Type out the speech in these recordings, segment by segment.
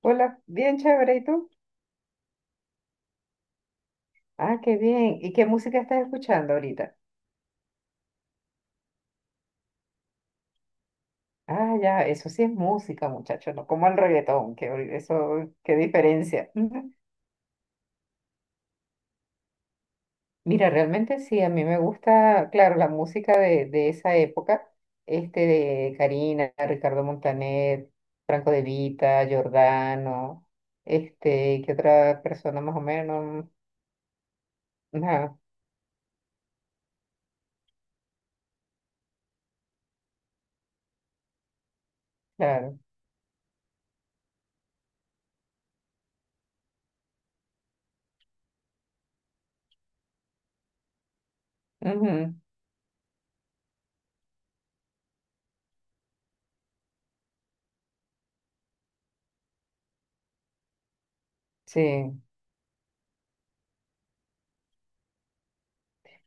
Hola, bien chévere, ¿y tú? Ah, qué bien. ¿Y qué música estás escuchando ahorita? Ah, ya, eso sí es música, muchachos, no como el reggaetón, que qué diferencia. Mira, realmente sí, a mí me gusta, claro, la música de esa época, de Karina, Ricardo Montaner, Franco De Vita, Giordano, ¿qué otra persona más o menos? Ajá, claro. Ujú, sí.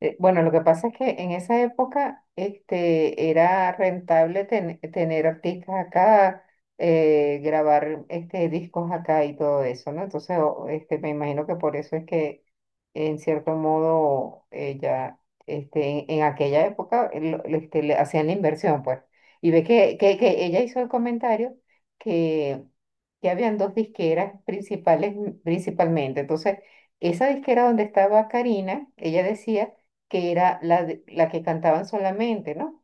Bueno, lo que pasa es que en esa época era rentable tener artistas acá, grabar discos acá y todo eso, ¿no? Entonces, me imagino que por eso es que, en cierto modo, ya en aquella época le hacían la inversión, pues. Y ve que ella hizo el comentario que, que habían dos disqueras principales, principalmente. Entonces, esa disquera donde estaba Karina, ella decía que era la que cantaban solamente, ¿no?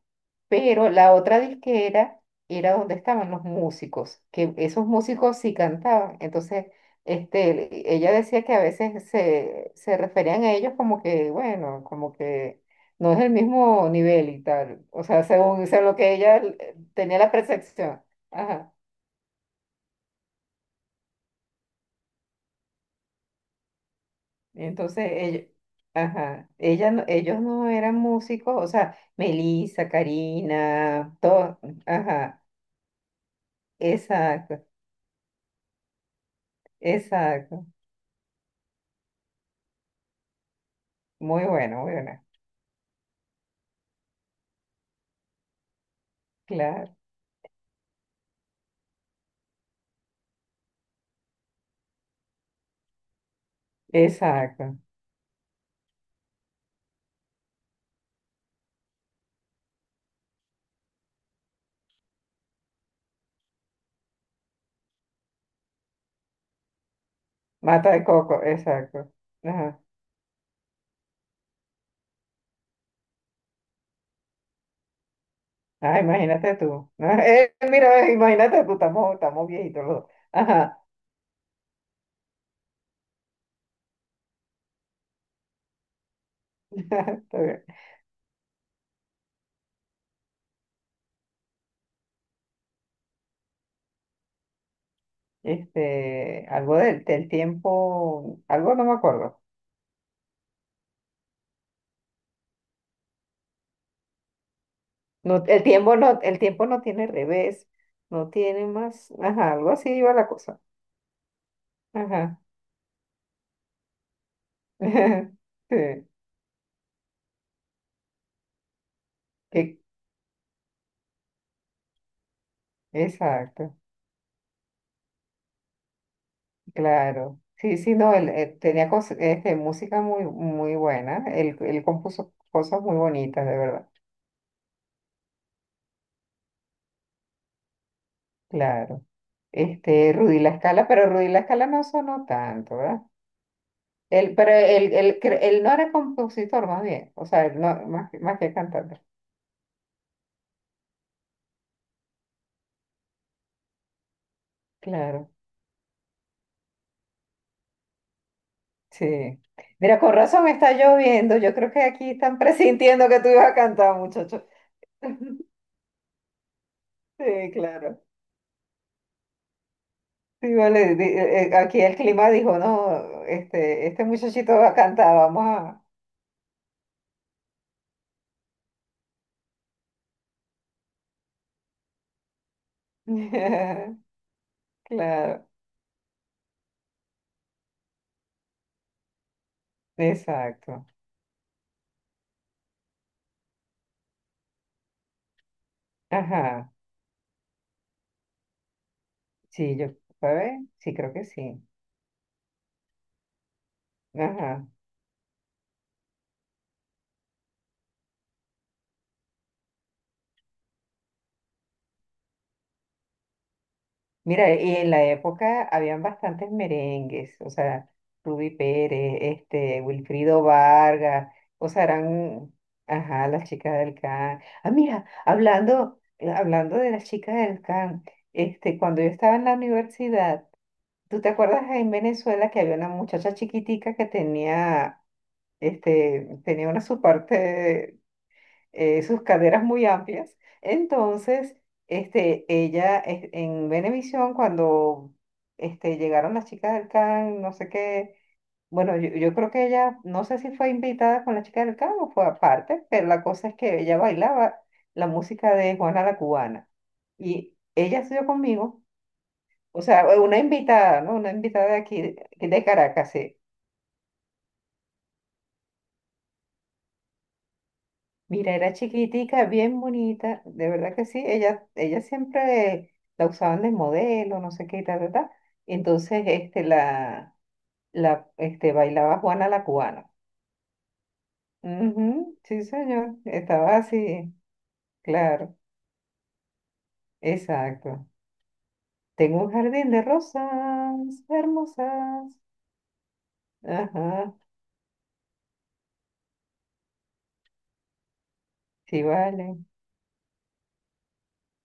Pero la otra disquera era donde estaban los músicos, que esos músicos sí cantaban. Entonces, ella decía que a veces se referían a ellos como que, bueno, como que no es el mismo nivel y tal. O sea, según lo que ella tenía la percepción. Ajá. Entonces, ellos, ajá, ella, no- ellos no eran músicos, o sea, Melissa, Karina, todos, ajá. Exacto, exacto. Muy bueno, muy bueno. Claro, exacto. Mata de coco, exacto. Ajá. Ah, imagínate tú. Mira, imagínate tú, estamos viejitos los dos. Ajá. Está bien. Este, algo del tiempo, algo no me acuerdo. No, el tiempo no tiene revés, no tiene más. Ajá, algo así iba la cosa. Ajá. Sí, que- exacto. Claro, sí, sí, no, él, tenía música muy buena, él compuso cosas muy bonitas, de verdad, claro. Este, Rudy La Scala, pero Rudy La Scala no sonó tanto, ¿verdad? Él, pero él, cre- él no era compositor, más bien, o sea, él no, más, más que cantante, claro, sí. Mira, con razón está lloviendo, yo creo que aquí están presintiendo que tú ibas a cantar, muchacho. Sí, claro. Sí, vale, aquí el clima dijo, no, este muchachito va a cantar, vamos a... Claro, exacto. Ajá, sí, yo, a ver, sí, creo que sí. Ajá. Mira, y en la época habían bastantes merengues, o sea, Ruby Pérez, Wilfrido Vargas, o sea, eran, ajá, las chicas del can. Ah, mira, hablando de las chicas del can, cuando yo estaba en la universidad, ¿Tú te acuerdas en Venezuela que había una muchacha chiquitica que tenía, tenía una su parte, sus caderas muy amplias? Entonces, en Venevisión, cuando llegaron las chicas del CAN, no sé qué, bueno, yo creo que ella, no sé si fue invitada con las chicas del CAN o fue aparte, pero la cosa es que ella bailaba la música de Juana la Cubana. Y ella estudió conmigo. O sea, una invitada, ¿no? Una invitada de aquí, de Caracas, sí. Mira, era chiquitica, bien bonita, de verdad que sí. Ella siempre la usaban de modelo, no sé qué, tal, tal, tal. Entonces, bailaba Juana la cubana. Ujú, sí, señor. Estaba así, claro, exacto. Tengo un jardín de rosas hermosas. Ajá, sí, vale.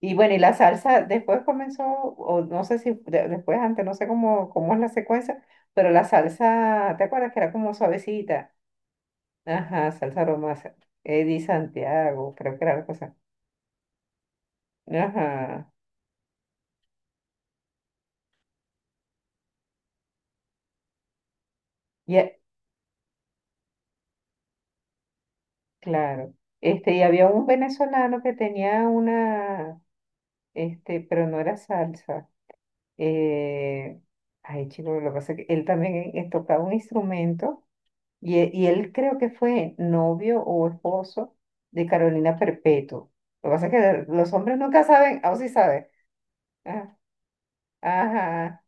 Y bueno, y la salsa después comenzó, o no sé después, antes, no sé cómo es la secuencia, pero la salsa, ¿te acuerdas que era como suavecita? Ajá, salsa aromasa. Eddie Santiago, creo que era la cosa. Ajá, y, e- claro. Este, y había un venezolano que tenía una, pero no era salsa. Eh, ay, chico, lo que pasa es que él también tocaba un instrumento y él creo que fue novio o esposo de Carolina Perpetuo. Lo que pasa es que los hombres nunca saben, o sí saben. Ah, ajá,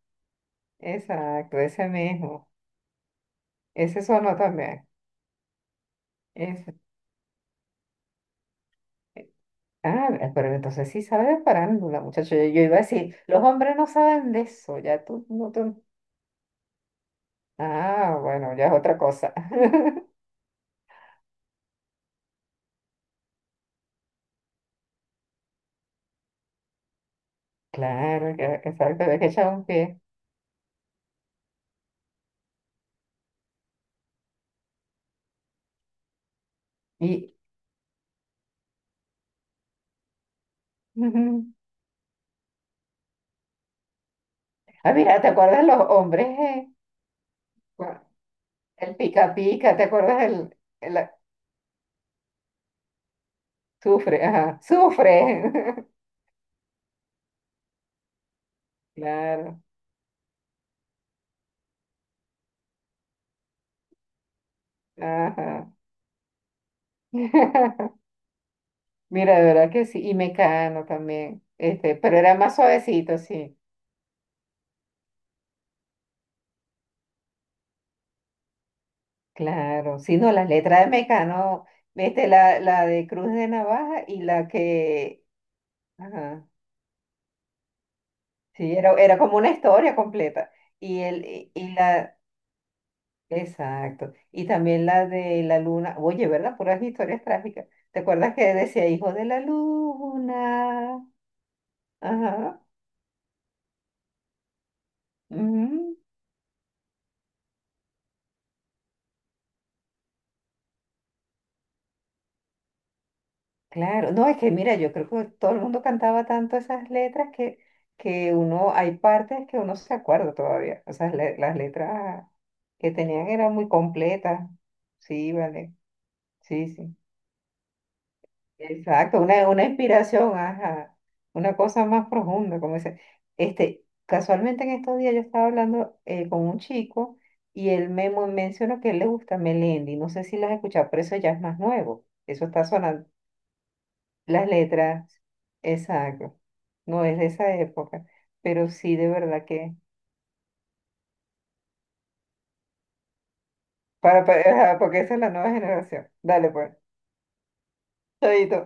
exacto, ese mismo. Ese sonó también. Ese. Ah, mira, pero entonces sí sabe de farándula, muchacho. Yo iba a decir, los hombres no saben de eso, ya tú no tú- Ah, bueno, ya es otra cosa. Claro, que sabe que hay que echar un pie. Y, ah, mira, ¿te acuerdas los hombres? ¿eh? El pica pica, ¿te acuerdas? El a- sufre, ajá, sufre. Claro, ajá. Mira, de verdad que sí, y Mecano también, pero era más suavecito, sí. Claro, sí, no, las letras de Mecano, este, la de Cruz de Navaja y ajá, sí, era, era como una historia completa. Y, el, y la, Exacto. Y también la de la luna. Oye, ¿verdad? Puras historias trágicas. ¿Te acuerdas que decía hijo de la luna? Ajá. Ujú. Claro. No, es que mira, yo creo que todo el mundo cantaba tanto esas letras que uno, hay partes que uno se acuerda todavía. O sea, las letras que tenían eran muy completas. Sí, vale. Sí, sí. Exacto, una inspiración, ajá, una cosa más profunda, como dice. Este, casualmente en estos días yo estaba hablando con un chico y él mencionó que a él le gusta Melendi, no sé si las has escuchado, pero eso ya es más nuevo, eso está sonando, las letras, exacto, no es de esa época, pero sí de verdad que, para, para- ajá, porque esa es la nueva generación. Dale pues, chaito.